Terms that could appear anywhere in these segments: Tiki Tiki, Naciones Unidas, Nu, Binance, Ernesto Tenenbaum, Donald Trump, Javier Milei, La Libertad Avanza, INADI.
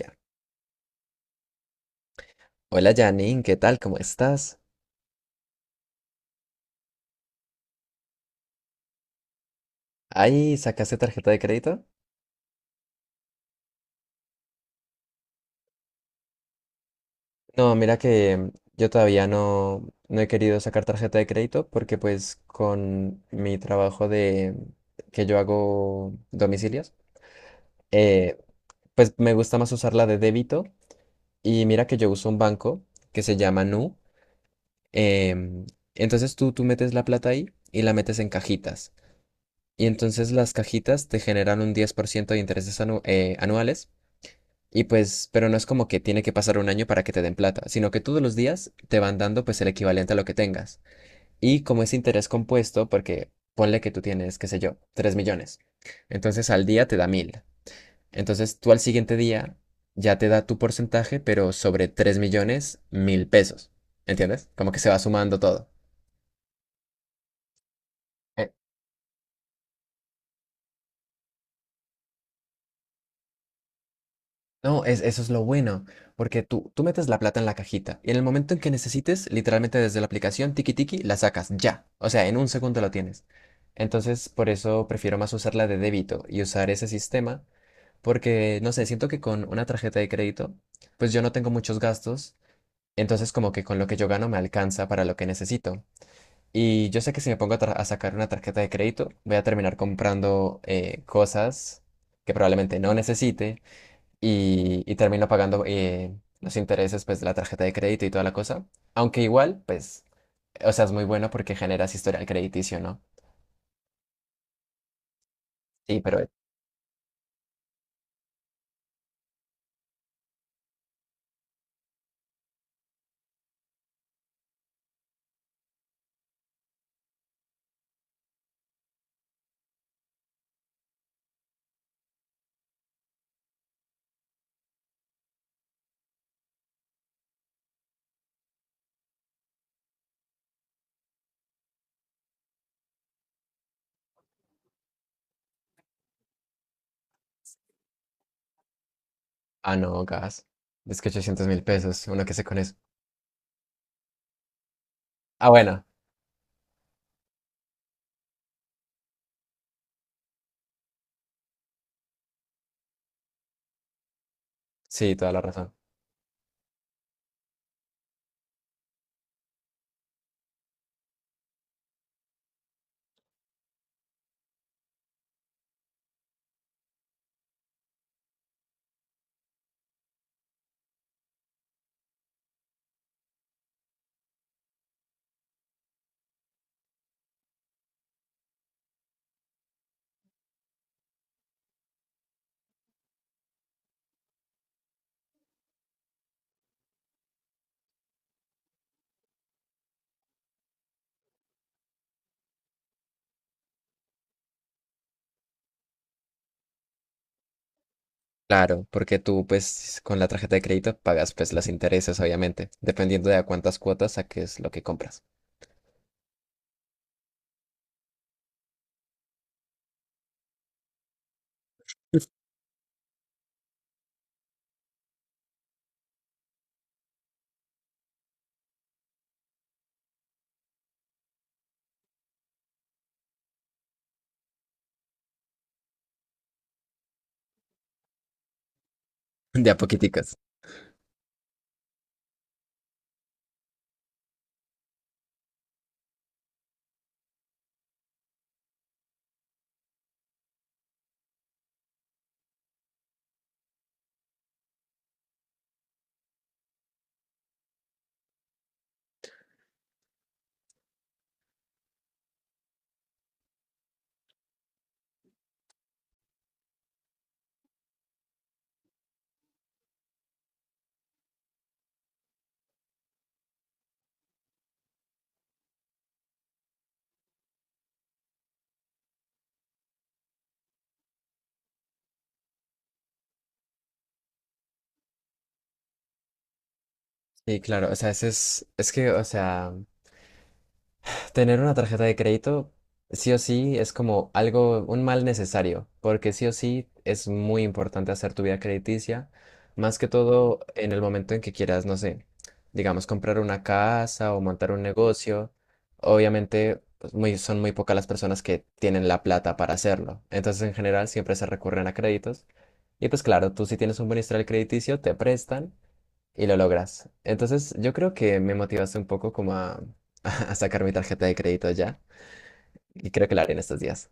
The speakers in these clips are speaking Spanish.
Ya. Hola Janine, ¿qué tal? ¿Cómo estás? Ay, ¿sacaste tarjeta de crédito? No, mira que yo todavía no, no he querido sacar tarjeta de crédito porque pues con mi trabajo de que yo hago domicilios, eh, pues me gusta más usar la de débito y mira que yo uso un banco que se llama Nu. em, entonces tú metes la plata ahí y la metes en cajitas. Y entonces las cajitas te generan un 10% de intereses anuales. Y pues, pero no es como que tiene que pasar un año para que te den plata, sino que todos los días te van dando pues el equivalente a lo que tengas. Y como es interés compuesto, porque ponle que tú tienes, qué sé yo, 3 millones. Entonces al día te da 1.000. Entonces tú al siguiente día ya te da tu porcentaje, pero sobre 3 millones, 1.000 pesos. ¿Entiendes? Como que se va sumando todo. No, es, eso es lo bueno, porque tú metes la plata en la cajita y en el momento en que necesites, literalmente desde la aplicación Tiki Tiki, la sacas ya. O sea, en un segundo lo tienes. Entonces, por eso prefiero más usar la de débito y usar ese sistema, porque, no sé, siento que con una tarjeta de crédito, pues yo no tengo muchos gastos, entonces como que con lo que yo gano me alcanza para lo que necesito. Y yo sé que si me pongo a, a sacar una tarjeta de crédito, voy a terminar comprando cosas que probablemente no necesite y termino pagando los intereses pues, de la tarjeta de crédito y toda la cosa. Aunque igual, pues, o sea, es muy bueno porque generas historial crediticio, ¿no? Sí, pero, ah, no, gas. Es que 800.000 pesos, uno que sé con eso. Ah, bueno, sí, toda la razón. Claro, porque tú pues con la tarjeta de crédito pagas pues los intereses, obviamente, dependiendo de a cuántas cuotas saques lo que compras. De a poquiticas. Sí, claro, o sea, es que, o sea, tener una tarjeta de crédito, sí o sí, es como algo, un mal necesario, porque sí o sí es muy importante hacer tu vida crediticia, más que todo en el momento en que quieras, no sé, digamos, comprar una casa o montar un negocio. Obviamente, pues, muy, son muy pocas las personas que tienen la plata para hacerlo. Entonces, en general, siempre se recurren a créditos. Y pues claro, tú si tienes un buen historial crediticio, te prestan y lo logras. Entonces, yo creo que me motivaste un poco como a, a sacar mi tarjeta de crédito ya y creo que lo haré en estos días.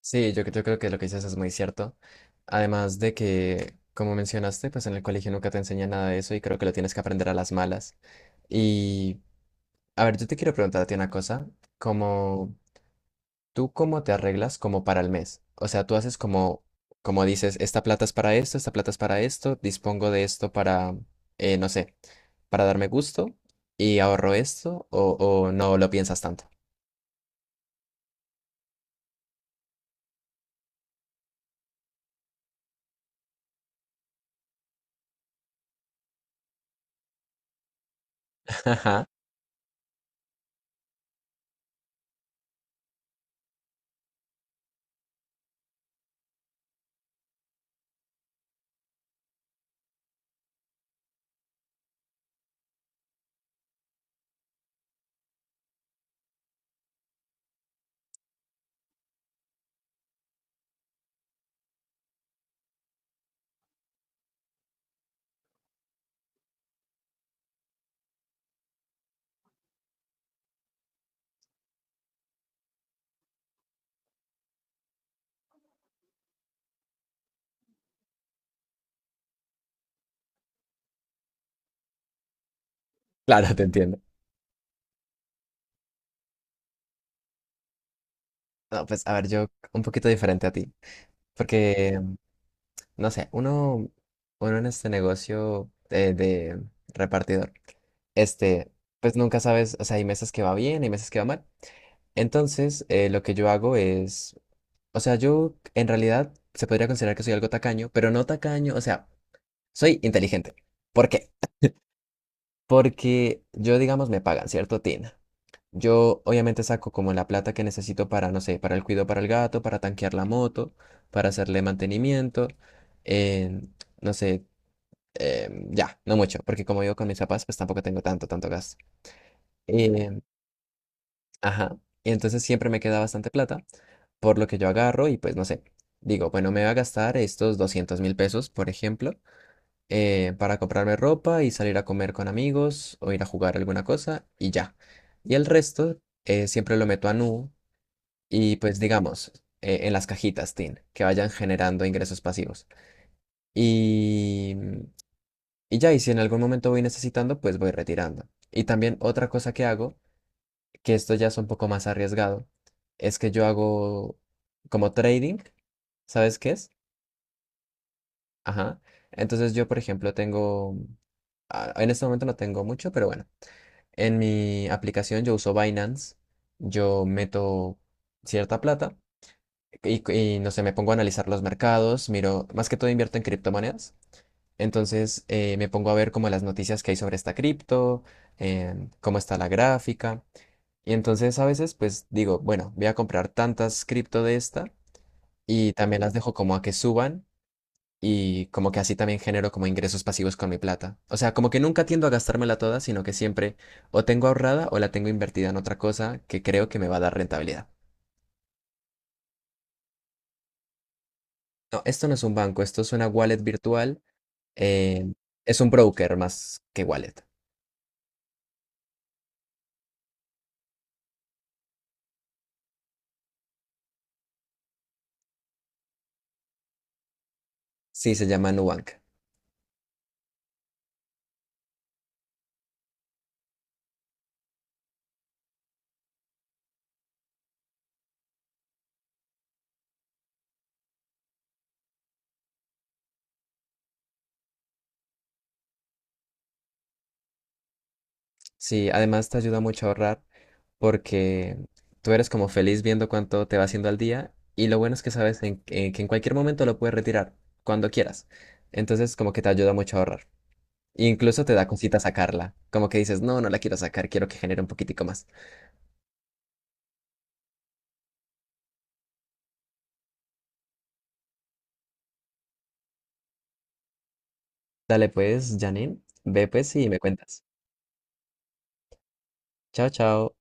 Sí, yo creo que lo que dices es muy cierto. Además de que, como mencionaste, pues en el colegio nunca te enseñan nada de eso y creo que lo tienes que aprender a las malas. Y, a ver, yo te quiero preguntar a ti una cosa, como ¿tú cómo te arreglas como para el mes? O sea, tú haces como, como dices, esta plata es para esto, esta plata es para esto, dispongo de esto para, no sé, para darme gusto y ahorro esto o no lo piensas tanto. Ajá, claro, te entiendo. No, pues a ver, yo un poquito diferente a ti, porque, no sé, uno en este negocio de repartidor. este, pues nunca sabes, o sea, hay meses que va bien, hay meses que va mal. Entonces, lo que yo hago es, o sea, yo en realidad se podría considerar que soy algo tacaño, pero no tacaño, o sea, soy inteligente. ¿Por qué? Porque yo, digamos, me pagan, ¿cierto, Tina? Yo obviamente saco como la plata que necesito para, no sé, para el cuido para el gato, para tanquear la moto, para hacerle mantenimiento, eh, no sé, ya, no mucho, porque como vivo con mis papás, pues tampoco tengo tanto, tanto gasto. Eh, Ajá. Y entonces siempre me queda bastante plata, por lo que yo agarro y pues no sé, digo, bueno, me voy a gastar estos 200.000 pesos, por ejemplo, para comprarme ropa y salir a comer con amigos o ir a jugar alguna cosa y ya. Y el resto siempre lo meto a Nu y pues digamos, en las cajitas, Tin, que vayan generando ingresos pasivos. Y, y ya, y si en algún momento voy necesitando, pues voy retirando. Y también otra cosa que hago que esto ya es un poco más arriesgado, es que yo hago como trading, ¿sabes qué es? Ajá. Entonces yo, por ejemplo, tengo, ah, en este momento no tengo mucho, pero bueno, en mi aplicación yo uso Binance, yo meto cierta plata no sé, me pongo a analizar los mercados, miro, más que todo invierto en criptomonedas. Entonces me pongo a ver como las noticias que hay sobre esta cripto, cómo está la gráfica. Y entonces a veces pues digo, bueno, voy a comprar tantas cripto de esta y también las dejo como a que suban y como que así también genero como ingresos pasivos con mi plata. O sea, como que nunca tiendo a gastármela toda, sino que siempre o tengo ahorrada o la tengo invertida en otra cosa que creo que me va a dar rentabilidad. No, esto no es un banco, esto es una wallet virtual, eh, es un broker más que wallet. Sí, se llama Nubank. Sí, además te ayuda mucho a ahorrar porque tú eres como feliz viendo cuánto te va haciendo al día y lo bueno es que sabes en que en cualquier momento lo puedes retirar, cuando quieras. Entonces como que te ayuda mucho a ahorrar. Incluso te da cosita sacarla, como que dices, no, no la quiero sacar, quiero que genere un poquitico más. Dale pues, Janine, ve pues y me cuentas. Chao, chao.